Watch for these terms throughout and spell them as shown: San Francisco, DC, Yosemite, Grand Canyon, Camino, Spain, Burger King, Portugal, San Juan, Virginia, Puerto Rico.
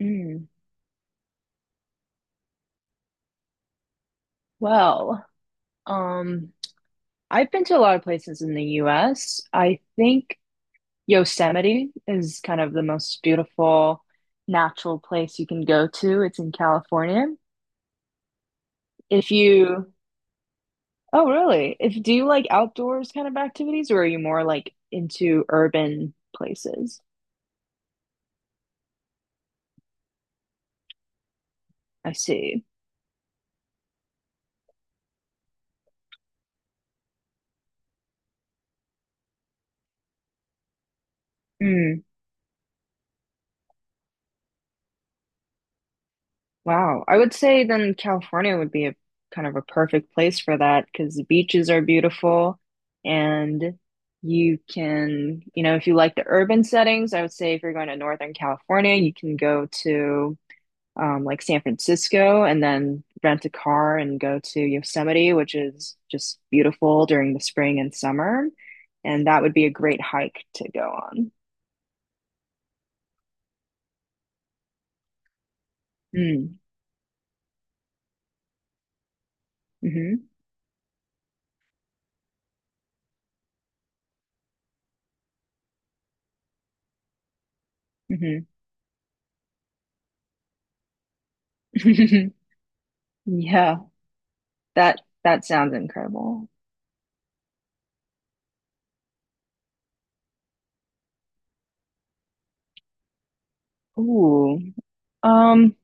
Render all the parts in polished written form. Mm. Well, um, I've been to a lot of places in the US. I think Yosemite is kind of the most beautiful natural place you can go to. It's in California. If you, Oh, really? If do you like outdoors kind of activities, or are you more like into urban places? I see. Mm. Wow. I would say then California would be a kind of a perfect place for that because the beaches are beautiful and you can, if you like the urban settings, I would say if you're going to Northern California, you can go to like San Francisco and then rent a car and go to Yosemite, which is just beautiful during the spring and summer. And that would be a great hike to go on. Mm. Hmm. Hmm. Yeah, that sounds incredible. Ooh. Um,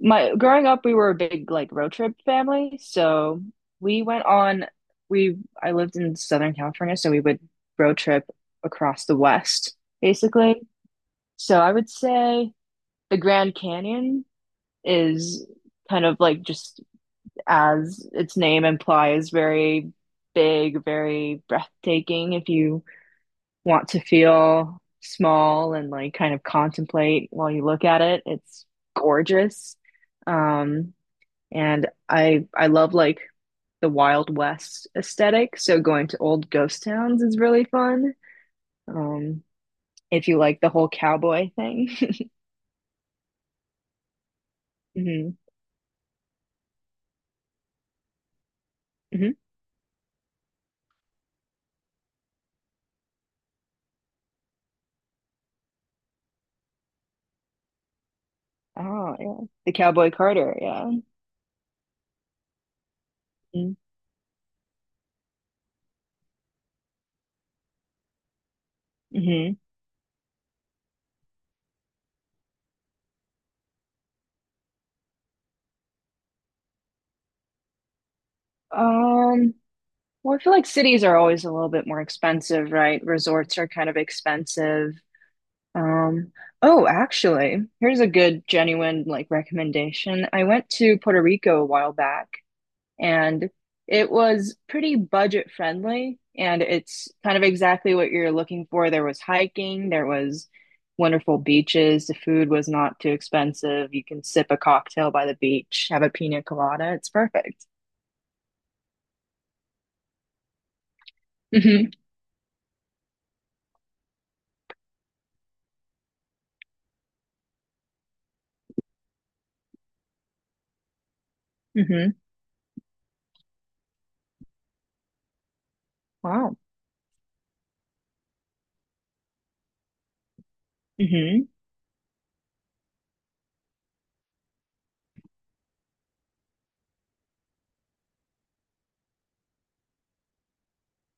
my growing up, we were a big like road trip family, so we went on we I lived in Southern California, so we would road trip across the West, basically. So I would say the Grand Canyon is kind of like just as its name implies, very big, very breathtaking if you want to feel small and like kind of contemplate while you look at it. It's gorgeous. Um, and I love like the Wild West aesthetic. So going to old ghost towns is really fun. Um, if you like the whole cowboy thing. Hmm. Hmm. Oh, yeah. The Cowboy Carter, yeah. Mm-hmm. Mm-hmm. Um, well, I feel like cities are always a little bit more expensive, right? Resorts are kind of expensive. Um, oh, actually, here's a good, genuine like recommendation. I went to Puerto Rico a while back and it was pretty budget friendly and it's kind of exactly what you're looking for. There was hiking, there was wonderful beaches, the food was not too expensive. You can sip a cocktail by the beach, have a pina colada. It's perfect. Hmm. Hmm. Wow. Hmm.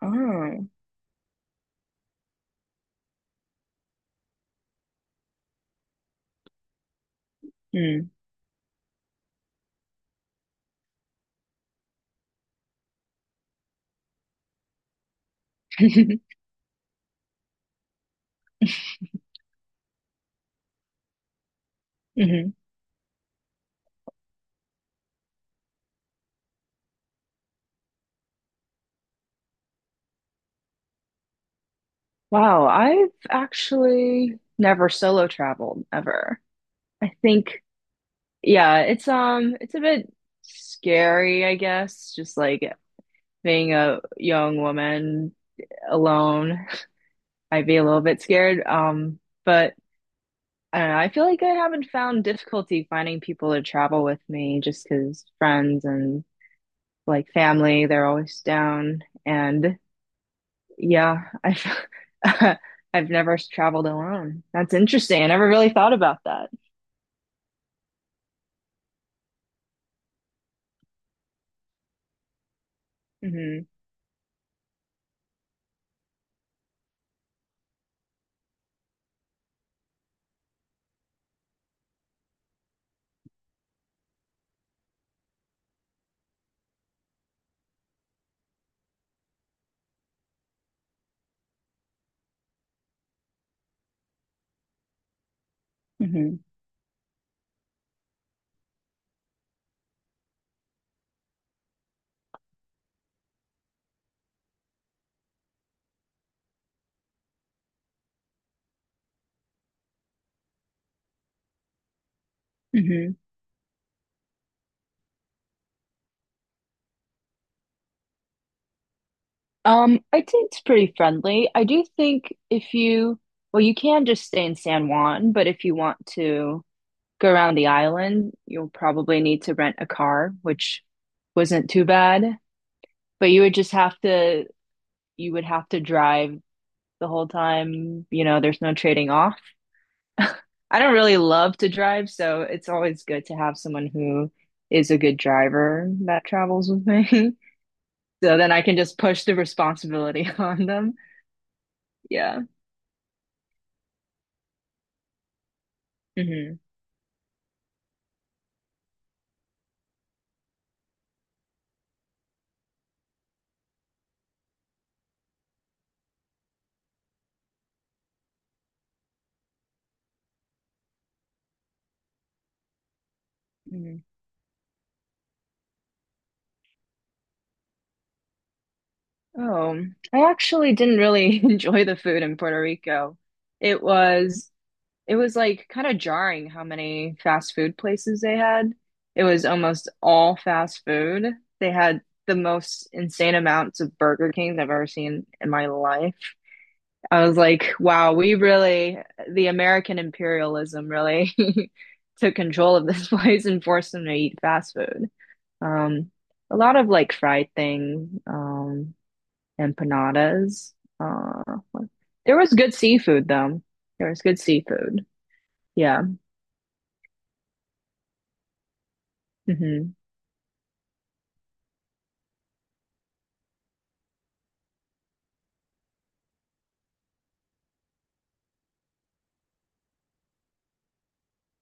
Oh. Mm. Wow, I've actually never solo traveled ever. I think, yeah, it's it's a bit scary, I guess, just like being a young woman alone. I'd be a little bit scared. But I don't know, I feel like I haven't found difficulty finding people to travel with me just because friends and like family, they're always down. And yeah, I've I've never traveled alone. That's interesting. I never really thought about that. Hmm. Hmm. Hmm. I think it's pretty friendly. I do think if you, well, you can just stay in San Juan, but if you want to go around the island, you'll probably need to rent a car, which wasn't too bad. But you would have to drive the whole time. There's no trading off. I don't really love to drive, so it's always good to have someone who is a good driver that travels with me. So then I can just push the responsibility on them. Yeah. Hmm. Hmm. Oh, I actually didn't really enjoy the food in Puerto Rico. It was it was like kind of jarring how many fast food places they had. It was almost all fast food. They had the most insane amounts of Burger Kings I've ever seen in my life. I was like, wow, we really, the American imperialism really took control of this place and forced them to eat fast food. Um, a lot of like fried things, empanadas. Uh, there was good seafood though. There was good seafood. Yeah. Hmm.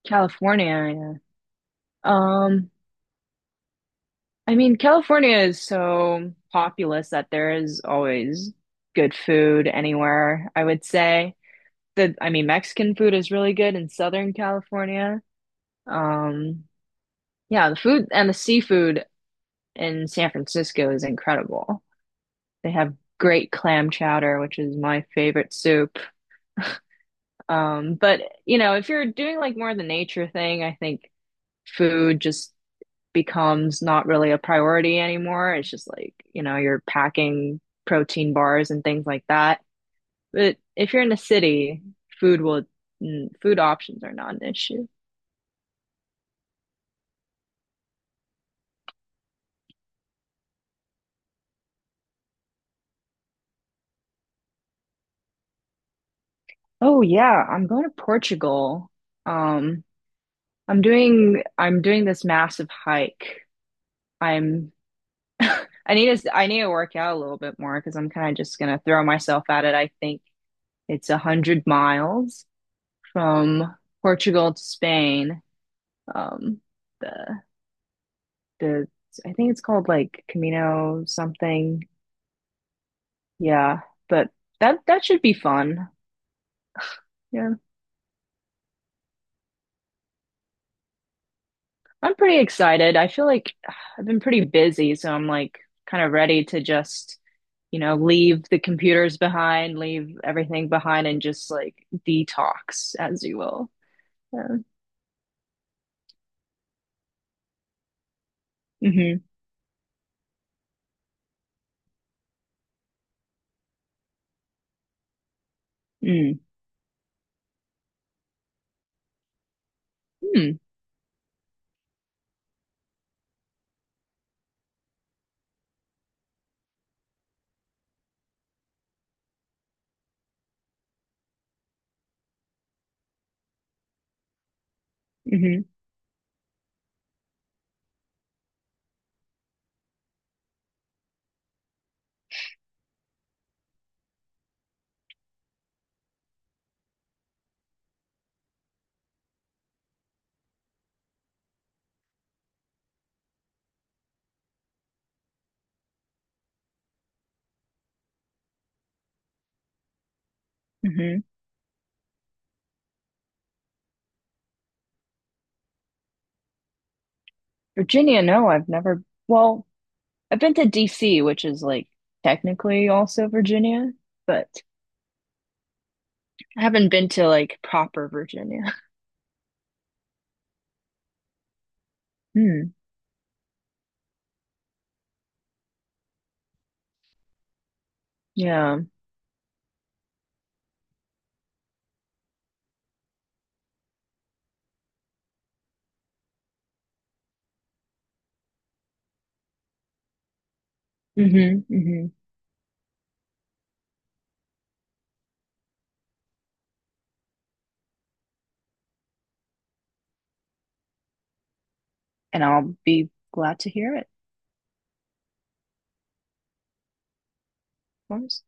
California. Yeah. Um, I mean, California is so populous that there is always good food anywhere, I would say. The I mean Mexican food is really good in Southern California. Um, yeah, the food and the seafood in San Francisco is incredible. They have great clam chowder, which is my favorite soup. But if you're doing like more of the nature thing, I think food just becomes not really a priority anymore. It's just like, you're packing protein bars and things like that. But if you're in a city, food will food options are not an issue. Oh yeah, I'm going to Portugal. Um, I'm doing this massive hike. I'm I need to work out a little bit more because I'm kind of just gonna throw myself at it. I think it's 100 miles from Portugal to Spain. Um, the the I think it's called like Camino something. Yeah, but that should be fun. Yeah. I'm pretty excited. I feel like I've been pretty busy, so I'm like kind of ready to just, leave the computers behind, leave everything behind, and just like detox, as you will. Yeah. Mm-hmm. Mm. Mm. Mm-hmm. Mm-hmm. Virginia, no, I've never, well, I've been to DC, which is like technically also Virginia, but I haven't been to like proper Virginia. Hmm. Yeah. Mm-hmm. Mm-hmm. And I'll be glad to hear it, of course.